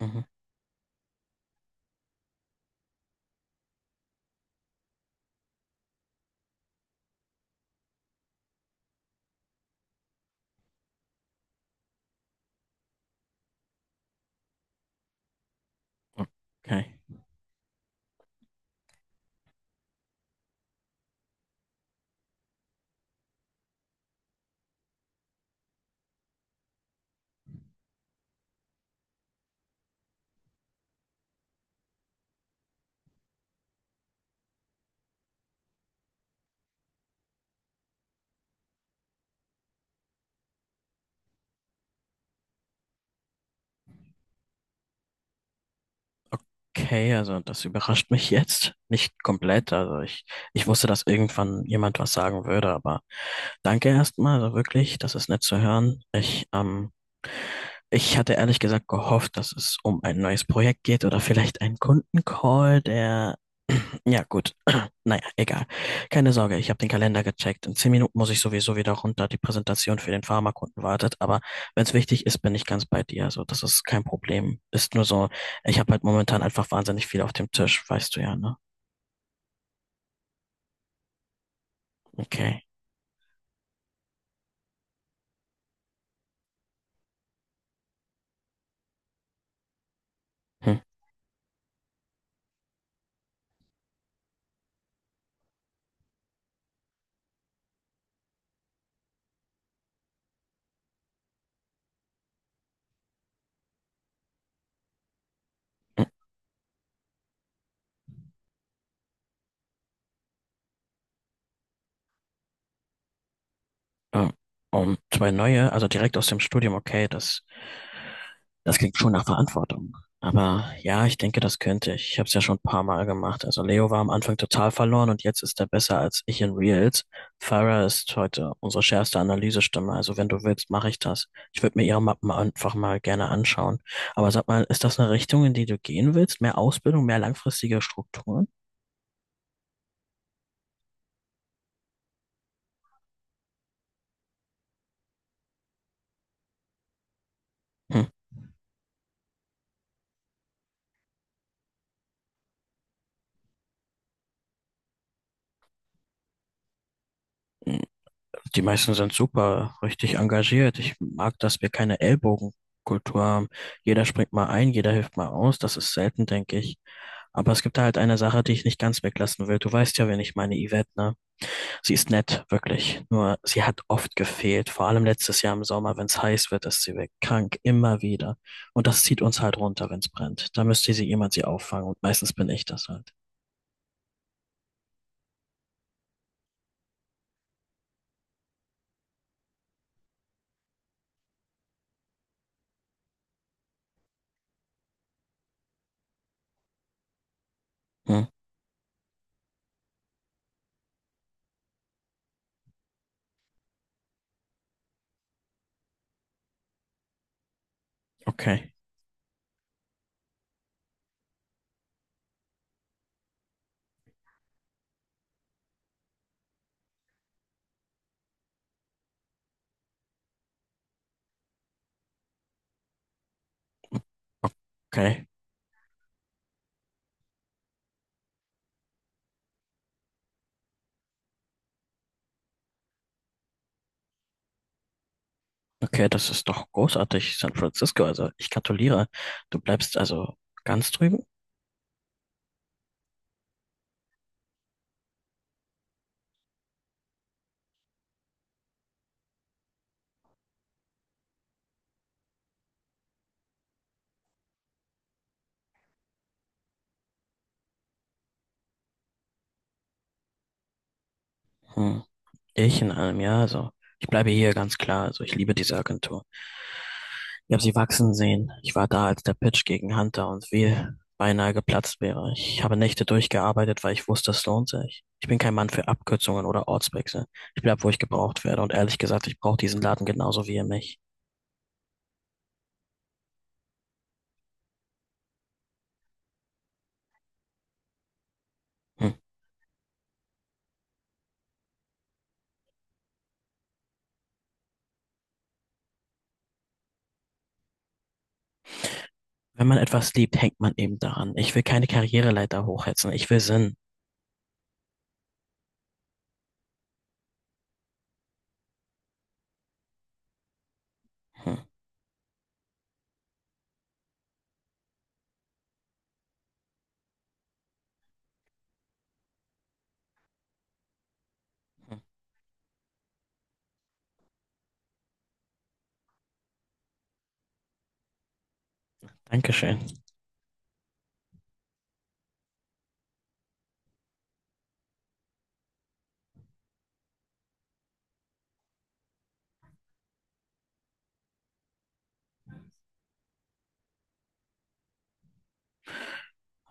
Mhm. Okay. Okay, also das überrascht mich jetzt nicht komplett. Also ich wusste, dass irgendwann jemand was sagen würde, aber danke erstmal, also wirklich, das ist nett zu hören. Ich hatte ehrlich gesagt gehofft, dass es um ein neues Projekt geht oder vielleicht einen Kundencall, der, ja gut, naja, egal. Keine Sorge, ich habe den Kalender gecheckt. In 10 Minuten muss ich sowieso wieder runter. Die Präsentation für den Pharmakunden wartet, aber wenn es wichtig ist, bin ich ganz bei dir. Also das ist kein Problem. Ist nur so, ich habe halt momentan einfach wahnsinnig viel auf dem Tisch, weißt du ja, ne? Okay. Hm, hm, ähm, um zwei neue, also direkt aus dem Studium, okay, das klingt schon nach Verantwortung. Aber ja, ich denke, das könnte ich. Ich habe es ja schon ein paar Mal gemacht. Also Leo war am Anfang total verloren und jetzt ist er besser als ich in Reels. Farah ist heute unsere schärfste Analysestimme. Also wenn du willst, mache ich das. Ich würde mir ihre Mappen einfach mal gerne anschauen. Aber sag mal, ist das eine Richtung, in die du gehen willst? Mehr Ausbildung, mehr langfristige Strukturen? Hm. Die meisten sind super, richtig engagiert. Ich mag, dass wir keine Ellbogenkultur haben. Jeder springt mal ein, jeder hilft mal aus. Das ist selten, denke ich. Aber es gibt da halt eine Sache, die ich nicht ganz weglassen will. Du weißt ja, wen ich meine, Yvette, ne? Sie ist nett, wirklich. Nur sie hat oft gefehlt. Vor allem letztes Jahr im Sommer, wenn es heiß wird, ist sie weg. Krank, immer wieder. Und das zieht uns halt runter, wenn es brennt. Da müsste sie jemand sie auffangen. Und meistens bin ich das halt. Hm, okay, okay. Okay, das ist doch großartig, San Francisco. Also ich gratuliere. Du bleibst also ganz drüben? Hm, ich in einem Jahr, also ich bleibe hier ganz klar. Also ich liebe diese Agentur. Ich habe sie wachsen sehen. Ich war da, als der Pitch gegen Hunter und Veal beinahe geplatzt wäre. Ich habe Nächte durchgearbeitet, weil ich wusste, es lohnt sich. Ich bin kein Mann für Abkürzungen oder Ortswechsel. Ich bleib, wo ich gebraucht werde. Und ehrlich gesagt, ich brauche diesen Laden genauso wie ihr mich. Hm. Wenn man etwas liebt, hängt man eben daran. Ich will keine Karriereleiter hochhetzen. Ich will Sinn. Hm. Dankeschön.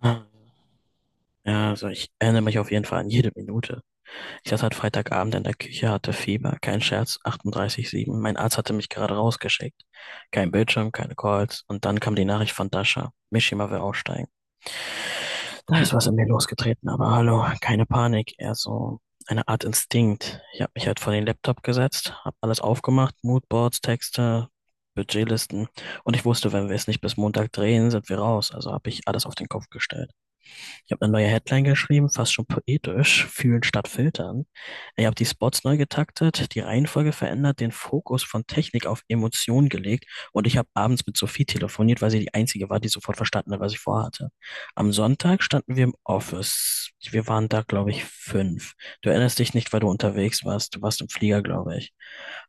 Ah, Ja, also ich erinnere mich auf jeden Fall an jede Minute. Ich saß halt Freitagabend in der Küche, hatte Fieber, kein Scherz, 38,7. Mein Arzt hatte mich gerade rausgeschickt. Kein Bildschirm, keine Calls. Und dann kam die Nachricht von Dasha. Mishima will aussteigen. Da ist was in mir losgetreten, aber hallo, keine Panik, eher so eine Art Instinkt. Ich habe mich halt vor den Laptop gesetzt, habe alles aufgemacht, Moodboards, Texte, Budgetlisten. Und ich wusste, wenn wir es nicht bis Montag drehen, sind wir raus. Also habe ich alles auf den Kopf gestellt. Ich habe eine neue Headline geschrieben, fast schon poetisch, fühlen statt filtern. Ich habe die Spots neu getaktet, die Reihenfolge verändert, den Fokus von Technik auf Emotionen gelegt und ich habe abends mit Sophie telefoniert, weil sie die Einzige war, die sofort verstanden hat, was ich vorhatte. Am Sonntag standen wir im Office. Wir waren da, glaube ich, fünf. Du erinnerst dich nicht, weil du unterwegs warst. Du warst im Flieger, glaube ich.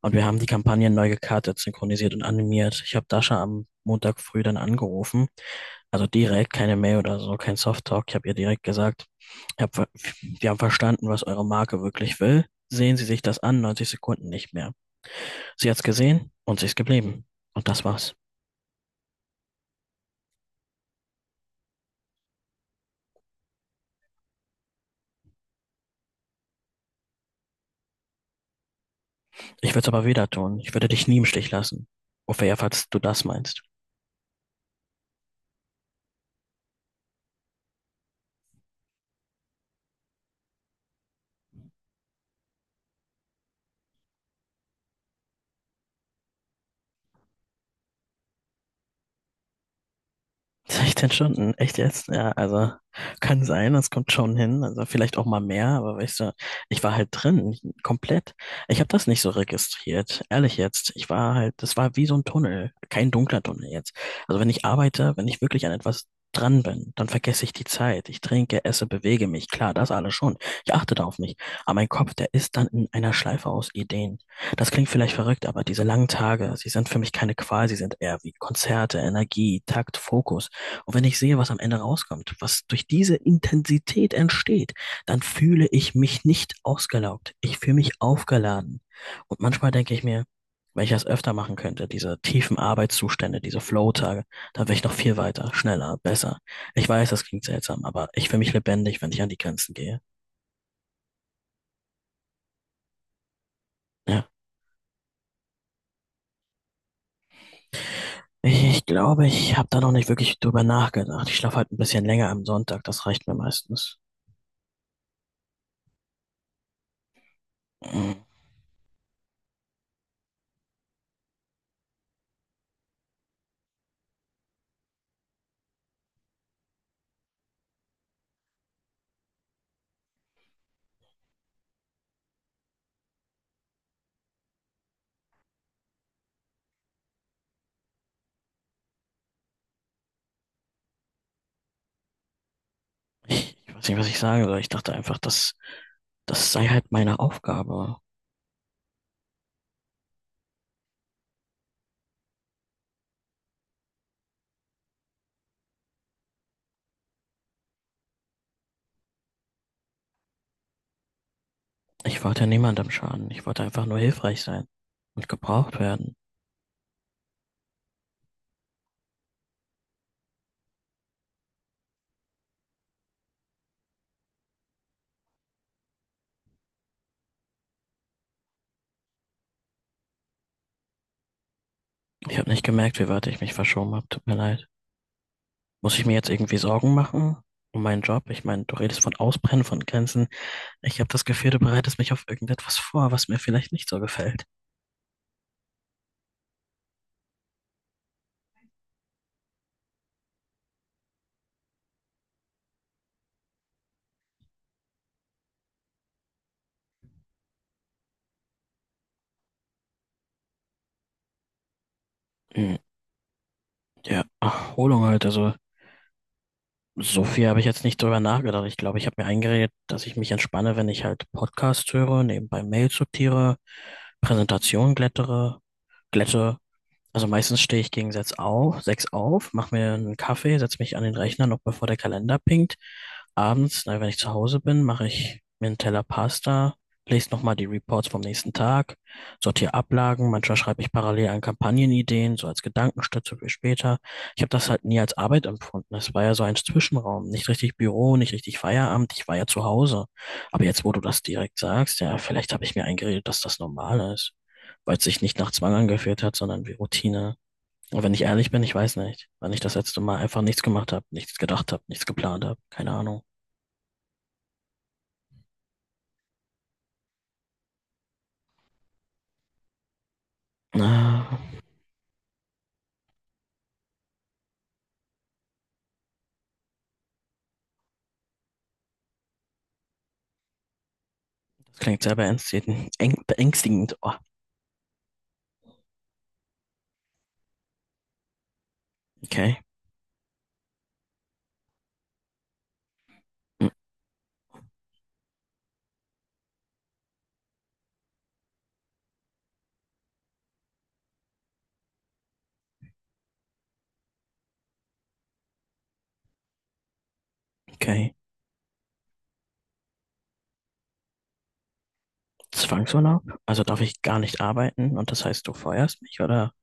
Und wir haben die Kampagne neu gekartet, synchronisiert und animiert. Ich habe Dasha am Montag früh dann angerufen, also direkt keine Mail oder so, kein Softtalk. Ich habe ihr direkt gesagt, ich hab, ver- wir haben verstanden, was eure Marke wirklich will. Sehen Sie sich das an, 90 Sekunden nicht mehr. Sie hat's gesehen und sie ist geblieben. Und das war's. Ich würde es aber wieder tun. Ich würde dich nie im Stich lassen. Ophelia, falls du das meinst. 16 Stunden, echt jetzt? Ja, also kann sein, das kommt schon hin. Also vielleicht auch mal mehr, aber weißt du, ich war halt drin, komplett. Ich habe das nicht so registriert, ehrlich jetzt. Ich war halt, das war wie so ein Tunnel, kein dunkler Tunnel jetzt. Also wenn ich arbeite, wenn ich wirklich an etwas dran bin, dann vergesse ich die Zeit. Ich trinke, esse, bewege mich. Klar, das alles schon. Ich achte da auf mich. Aber mein Kopf, der ist dann in einer Schleife aus Ideen. Das klingt vielleicht verrückt, aber diese langen Tage, sie sind für mich keine Qual, sie sind eher wie Konzerte, Energie, Takt, Fokus. Und wenn ich sehe, was am Ende rauskommt, was durch diese Intensität entsteht, dann fühle ich mich nicht ausgelaugt. Ich fühle mich aufgeladen. Und manchmal denke ich mir, wenn ich das öfter machen könnte, diese tiefen Arbeitszustände, diese Flow-Tage, dann wäre ich noch viel weiter, schneller, besser. Ich weiß, das klingt seltsam, aber ich fühle mich lebendig, wenn ich an die Grenzen gehe. Ja. Ich glaube, ich habe da noch nicht wirklich drüber nachgedacht. Ich schlafe halt ein bisschen länger am Sonntag, das reicht mir meistens. Ich weiß nicht, was ich sagen soll. Ich dachte einfach, dass das sei halt meine Aufgabe. Ich wollte niemandem schaden. Ich wollte einfach nur hilfreich sein und gebraucht werden. Ich habe nicht gemerkt, wie weit ich mich verschoben habe. Tut mir leid. Muss ich mir jetzt irgendwie Sorgen machen um meinen Job? Ich meine, du redest von Ausbrennen, von Grenzen. Ich habe das Gefühl, du bereitest mich auf irgendetwas vor, was mir vielleicht nicht so gefällt. Hm, Ja, Erholung halt. Also, so viel habe ich jetzt nicht drüber nachgedacht. Ich glaube, ich habe mir eingeredet, dass ich mich entspanne, wenn ich halt Podcasts höre, nebenbei Mails sortiere, Präsentationen glätte. Also meistens stehe ich gegen sechs auf, mache mir einen Kaffee, setze mich an den Rechner, noch bevor der Kalender pinkt. Abends, na, wenn ich zu Hause bin, mache ich mir einen Teller Pasta, lese nochmal die Reports vom nächsten Tag, sortiere Ablagen, manchmal schreibe ich parallel an Kampagnenideen, so als Gedankenstütze für später. Ich habe das halt nie als Arbeit empfunden. Es war ja so ein Zwischenraum, nicht richtig Büro, nicht richtig Feierabend, ich war ja zu Hause. Aber jetzt, wo du das direkt sagst, ja, vielleicht habe ich mir eingeredet, dass das normal ist, weil es sich nicht nach Zwang angefühlt hat, sondern wie Routine. Und wenn ich ehrlich bin, ich weiß nicht, wann ich das letzte Mal einfach nichts gemacht habe, nichts gedacht habe, nichts geplant habe, keine Ahnung. Ah, Das klingt sehr beängstigend. Beängstigend. Oh, okay. Hm, okay. Zwangsurlaub? Also darf ich gar nicht arbeiten und das heißt, du feuerst mich, oder?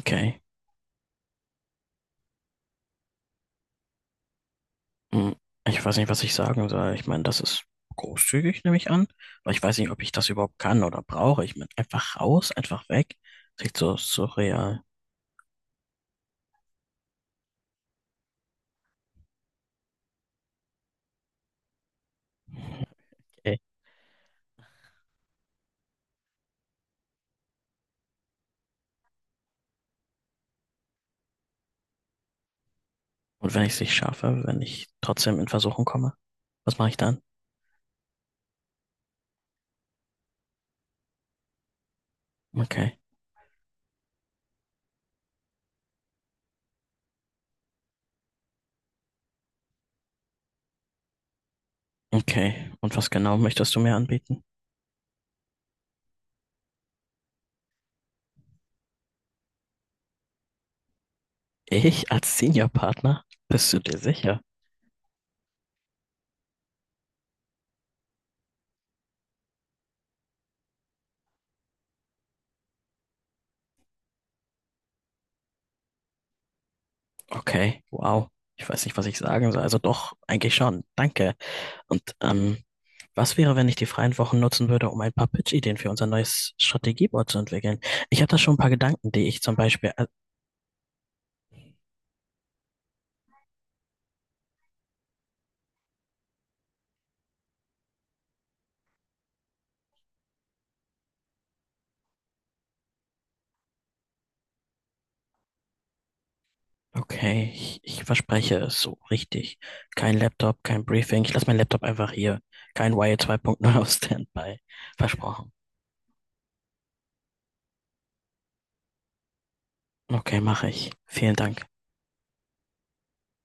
Okay. Hm, ich weiß nicht, was ich sagen soll. Ich meine, das ist großzügig, nehme ich an. Aber ich weiß nicht, ob ich das überhaupt kann oder brauche. Ich meine, einfach raus, einfach weg. Klingt so surreal. Und wenn ich es nicht schaffe, wenn ich trotzdem in Versuchung komme, was mache ich dann? Okay. Okay. Und was genau möchtest du mir anbieten? Ich als Seniorpartner? Bist du dir sicher? Okay. Wow. Ich weiß nicht, was ich sagen soll. Also doch, eigentlich schon. Danke. Und was wäre, wenn ich die freien Wochen nutzen würde, um ein paar Pitch-Ideen für unser neues Strategieboard zu entwickeln? Ich habe da schon ein paar Gedanken, die ich zum Beispiel, okay, ich verspreche es so richtig. Kein Laptop, kein Briefing. Ich lasse meinen Laptop einfach hier. Kein Wire 2.0 auf Standby. Versprochen. Okay, mache ich. Vielen Dank.